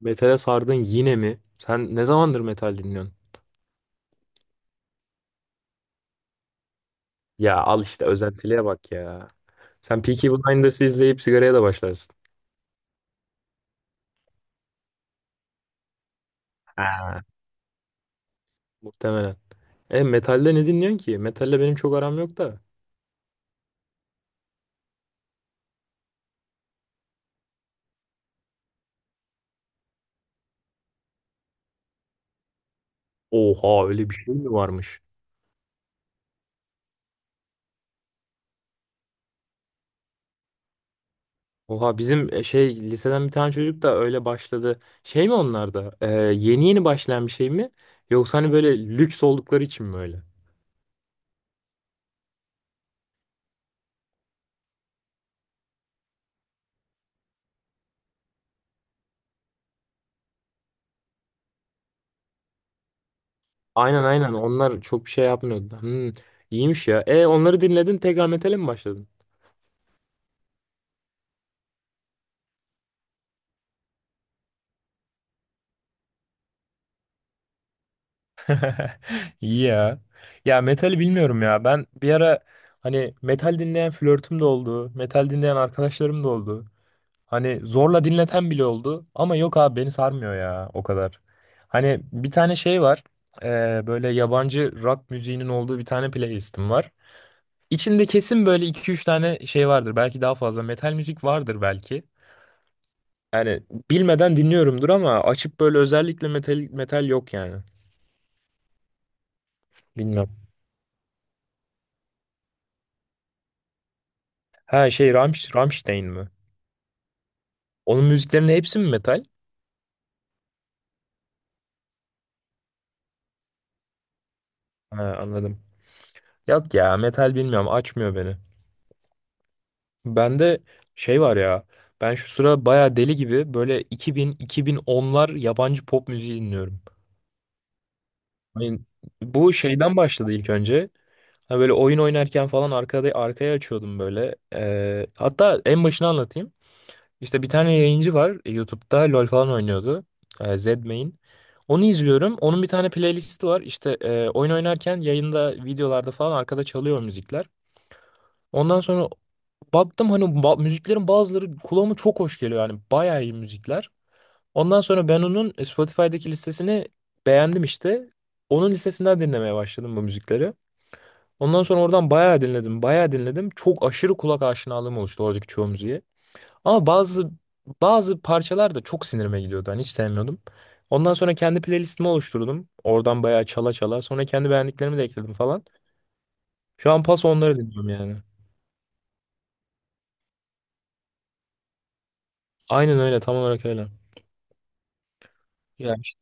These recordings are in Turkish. Metale sardın yine mi? Sen ne zamandır metal dinliyorsun? Ya al işte özentiliğe bak ya. Sen Peaky Blinders'ı izleyip sigaraya da başlarsın. Ha. Muhtemelen. Metalde ne dinliyorsun ki? Metalle benim çok aram yok da. Oha öyle bir şey mi varmış? Oha bizim şey liseden bir tane çocuk da öyle başladı. Şey mi onlar da? Yeni yeni başlayan bir şey mi? Yoksa hani böyle lüks oldukları için mi öyle? Aynen aynen onlar çok bir şey yapmıyordu. İyiymiş ya. Onları dinledin tekrar metale mi başladın? İyi ya. Ya metali bilmiyorum ya. Ben bir ara hani metal dinleyen flörtüm de oldu. Metal dinleyen arkadaşlarım da oldu. Hani zorla dinleten bile oldu. Ama yok abi beni sarmıyor ya o kadar. Hani bir tane şey var. Böyle yabancı rock müziğinin olduğu bir tane playlistim var. İçinde kesin böyle iki üç tane şey vardır. Belki daha fazla metal müzik vardır belki. Yani bilmeden dinliyorumdur ama açıp böyle özellikle metal metal yok yani. Bilmiyorum. Ha şey Rammstein mi? Onun müziklerinin hepsi mi metal? Ha, anladım. Yok ya metal bilmiyorum açmıyor beni. Bende şey var ya ben şu sıra baya deli gibi böyle 2000-2010'lar yabancı pop müziği dinliyorum. Hani bu şeyden başladı ilk önce. Hani böyle oyun oynarken falan arkaya açıyordum böyle. Hatta en başını anlatayım. İşte bir tane yayıncı var YouTube'da LoL falan oynuyordu. Zedmain. Onu izliyorum. Onun bir tane playlisti var. İşte oyun oynarken yayında videolarda falan arkada çalıyor o müzikler. Ondan sonra baktım hani müziklerin bazıları kulağıma çok hoş geliyor. Yani bayağı iyi müzikler. Ondan sonra ben onun Spotify'daki listesini beğendim işte. Onun listesinden dinlemeye başladım bu müzikleri. Ondan sonra oradan bayağı dinledim, bayağı dinledim. Çok aşırı kulak aşinalığım oluştu oradaki çoğu müziğe. Ama bazı parçalar da çok sinirime gidiyordu. Hani hiç sevmiyordum. Ondan sonra kendi playlistimi oluşturdum. Oradan bayağı çala çala. Sonra kendi beğendiklerimi de ekledim falan. Şu an paso onları dinliyorum yani. Aynen öyle, tam olarak öyle. Ya işte,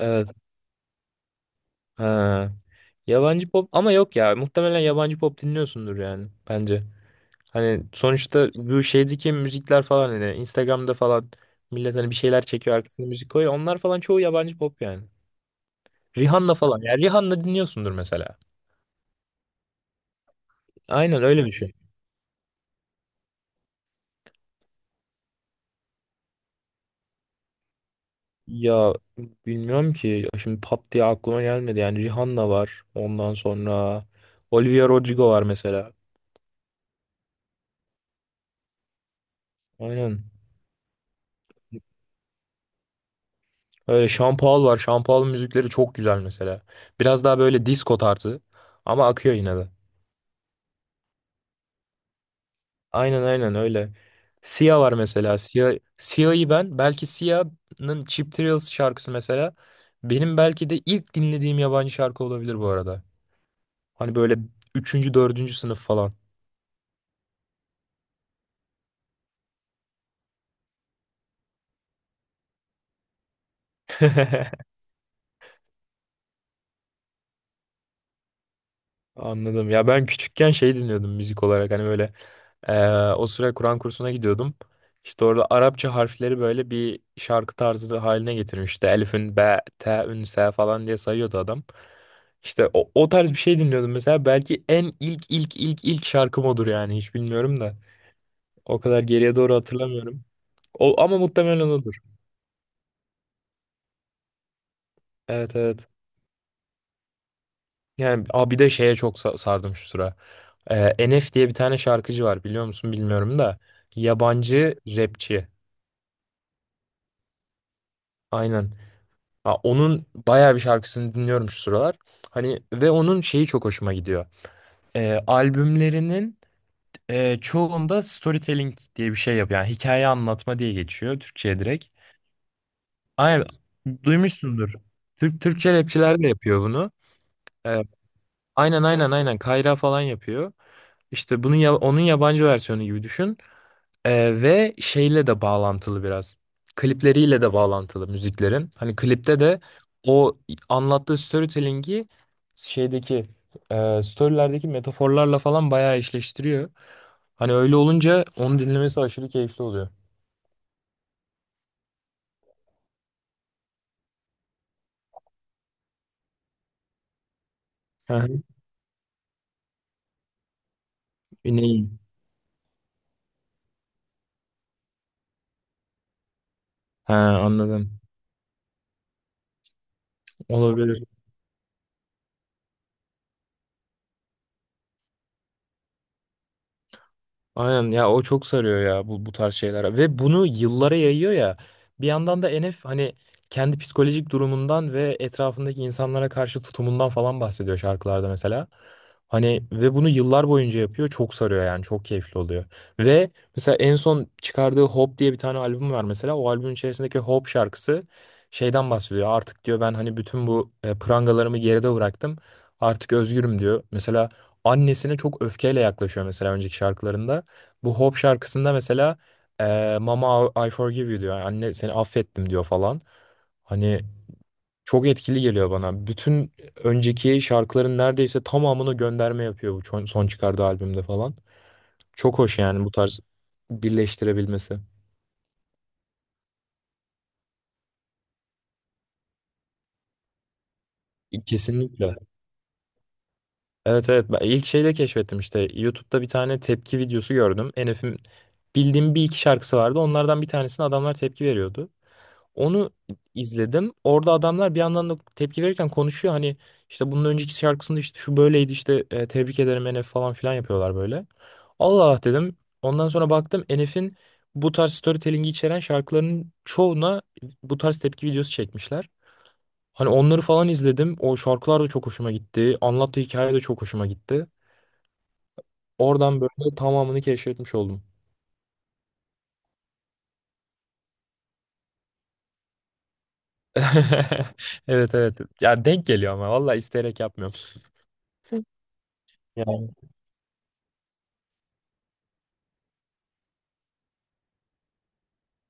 evet. Ha. Yabancı pop ama yok ya. Muhtemelen yabancı pop dinliyorsundur yani bence. Hani sonuçta bu şeydeki müzikler falan hani Instagram'da falan millet hani bir şeyler çekiyor arkasına müzik koyuyor. Onlar falan çoğu yabancı pop yani. Rihanna falan. Ya Rihanna dinliyorsundur mesela. Aynen öyle bir şey. Ya bilmiyorum ki. Ya şimdi pat diye aklıma gelmedi. Yani Rihanna var. Ondan sonra Olivia Rodrigo var mesela. Aynen. Öyle Sean Paul var. Sean Paul'un müzikleri çok güzel mesela. Biraz daha böyle disco tarzı. Ama akıyor yine de. Aynen aynen öyle. Sia var mesela. Sia'yı ben belki Sia'nın Cheap Thrills şarkısı mesela benim belki de ilk dinlediğim yabancı şarkı olabilir bu arada. Hani böyle üçüncü, dördüncü sınıf falan. Anladım. Ya ben küçükken şey dinliyordum müzik olarak hani böyle o süre Kur'an kursuna gidiyordum. İşte orada Arapça harfleri böyle bir şarkı tarzı da haline getirmişti. Elif'ün be, te'ün, se falan diye sayıyordu adam. İşte o tarz bir şey dinliyordum mesela. Belki en ilk ilk ilk ilk şarkım odur yani hiç bilmiyorum da. O kadar geriye doğru hatırlamıyorum. O, ama muhtemelen odur. Evet evet. Yani abi bir de şeye çok sardım şu sıra. NF diye bir tane şarkıcı var biliyor musun bilmiyorum da. Yabancı rapçi. Aynen. Ha, onun bayağı bir şarkısını dinliyorum şu sıralar. Hani ve onun şeyi çok hoşuma gidiyor. Albümlerinin çoğunda storytelling diye bir şey yapıyor. Yani hikaye anlatma diye geçiyor Türkçe'ye direkt. Aynen duymuşsundur. Türkçe rapçiler de yapıyor bunu. Ee, aynen aynen aynen Kayra falan yapıyor. İşte bunun onun yabancı versiyonu gibi düşün. Ve şeyle de bağlantılı biraz. Klipleriyle de bağlantılı müziklerin. Hani klipte de o anlattığı storytelling'i şeydeki storylerdeki metaforlarla falan bayağı eşleştiriyor. Hani öyle olunca onu dinlemesi aşırı keyifli oluyor. Hı hı. Yine iyi. Ha, anladım. Olabilir. Aynen ya o çok sarıyor ya bu tarz şeyler ve bunu yıllara yayıyor ya bir yandan da Enef hani kendi psikolojik durumundan ve etrafındaki insanlara karşı tutumundan falan bahsediyor şarkılarda mesela. Hani ve bunu yıllar boyunca yapıyor çok sarıyor yani çok keyifli oluyor. Ve mesela en son çıkardığı Hope diye bir tane albüm var mesela o albümün içerisindeki Hope şarkısı şeyden bahsediyor artık diyor ben hani bütün bu prangalarımı geride bıraktım artık özgürüm diyor. Mesela annesine çok öfkeyle yaklaşıyor mesela önceki şarkılarında. Bu Hope şarkısında mesela Mama I forgive you diyor. Yani anne seni affettim diyor falan. Hani çok etkili geliyor bana. Bütün önceki şarkıların neredeyse tamamını gönderme yapıyor bu son çıkardığı albümde falan. Çok hoş yani bu tarz birleştirebilmesi. Kesinlikle. Evet evet. Ben ilk şeyde keşfettim işte. YouTube'da bir tane tepki videosu gördüm. Enef'in bildiğim bir iki şarkısı vardı. Onlardan bir tanesine adamlar tepki veriyordu. Onu izledim. Orada adamlar bir yandan da tepki verirken konuşuyor. Hani işte bunun önceki şarkısında işte şu böyleydi işte tebrik ederim Enef falan filan yapıyorlar böyle. Allah Allah dedim. Ondan sonra baktım Enef'in bu tarz storytelling'i içeren şarkılarının çoğuna bu tarz tepki videosu çekmişler. Hani onları falan izledim. O şarkılar da çok hoşuma gitti. Anlattığı hikaye de çok hoşuma gitti. Oradan böyle tamamını keşfetmiş oldum. Evet evet. Ya denk geliyor ama vallahi isteyerek yapmıyorum.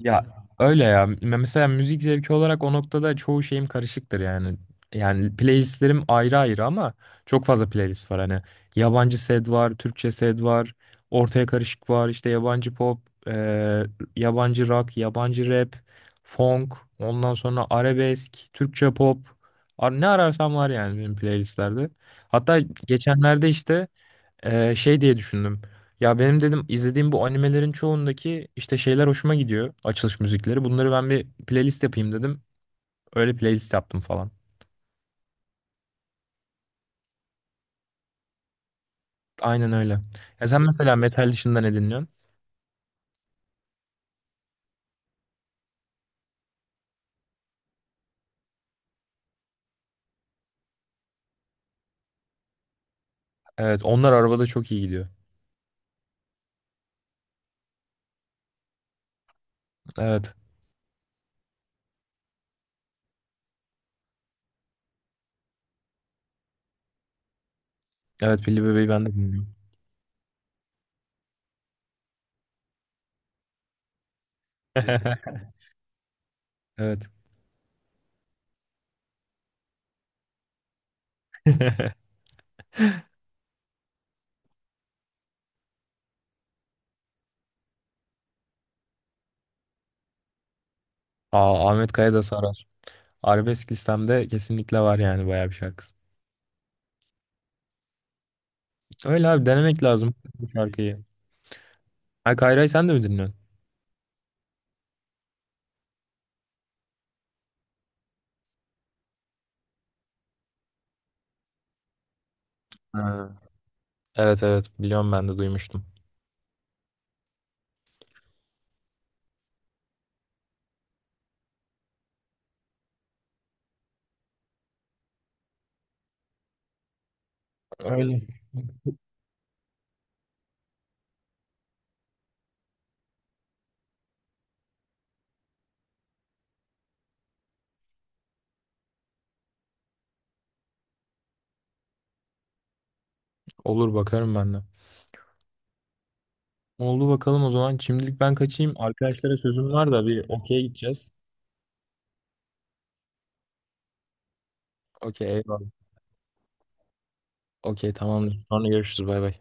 Ya öyle ya. Mesela müzik zevki olarak o noktada çoğu şeyim karışıktır yani. Yani playlistlerim ayrı ayrı ama çok fazla playlist var hani. Yabancı sed var, Türkçe sed var, ortaya karışık var, işte yabancı pop, eee, yabancı rock, yabancı rap, funk, ondan sonra arabesk, Türkçe pop. Ne ararsam var yani benim playlistlerde. Hatta geçenlerde işte şey diye düşündüm. Ya benim dedim izlediğim bu animelerin çoğundaki işte şeyler hoşuma gidiyor. Açılış müzikleri. Bunları ben bir playlist yapayım dedim. Öyle playlist yaptım falan. Aynen öyle. Ya sen mesela metal dışında ne dinliyorsun? Evet onlar arabada çok iyi gidiyor. Evet. Evet Pilli Bebeği ben de dinliyorum. Evet. Aa, Ahmet Kaya da sarar. Arabesk listemde kesinlikle var yani bayağı bir şarkısı. Öyle abi denemek lazım bu şarkıyı. Ha Kayra'yı sen de mi dinliyorsun? Ha. Evet evet biliyorum ben de duymuştum. Öyle. Olur bakarım ben de. Oldu bakalım o zaman. Şimdilik ben kaçayım. Arkadaşlara sözüm var da bir okey'e gideceğiz. Okey eyvallah. Okey tamamdır. Sonra görüşürüz bay bay.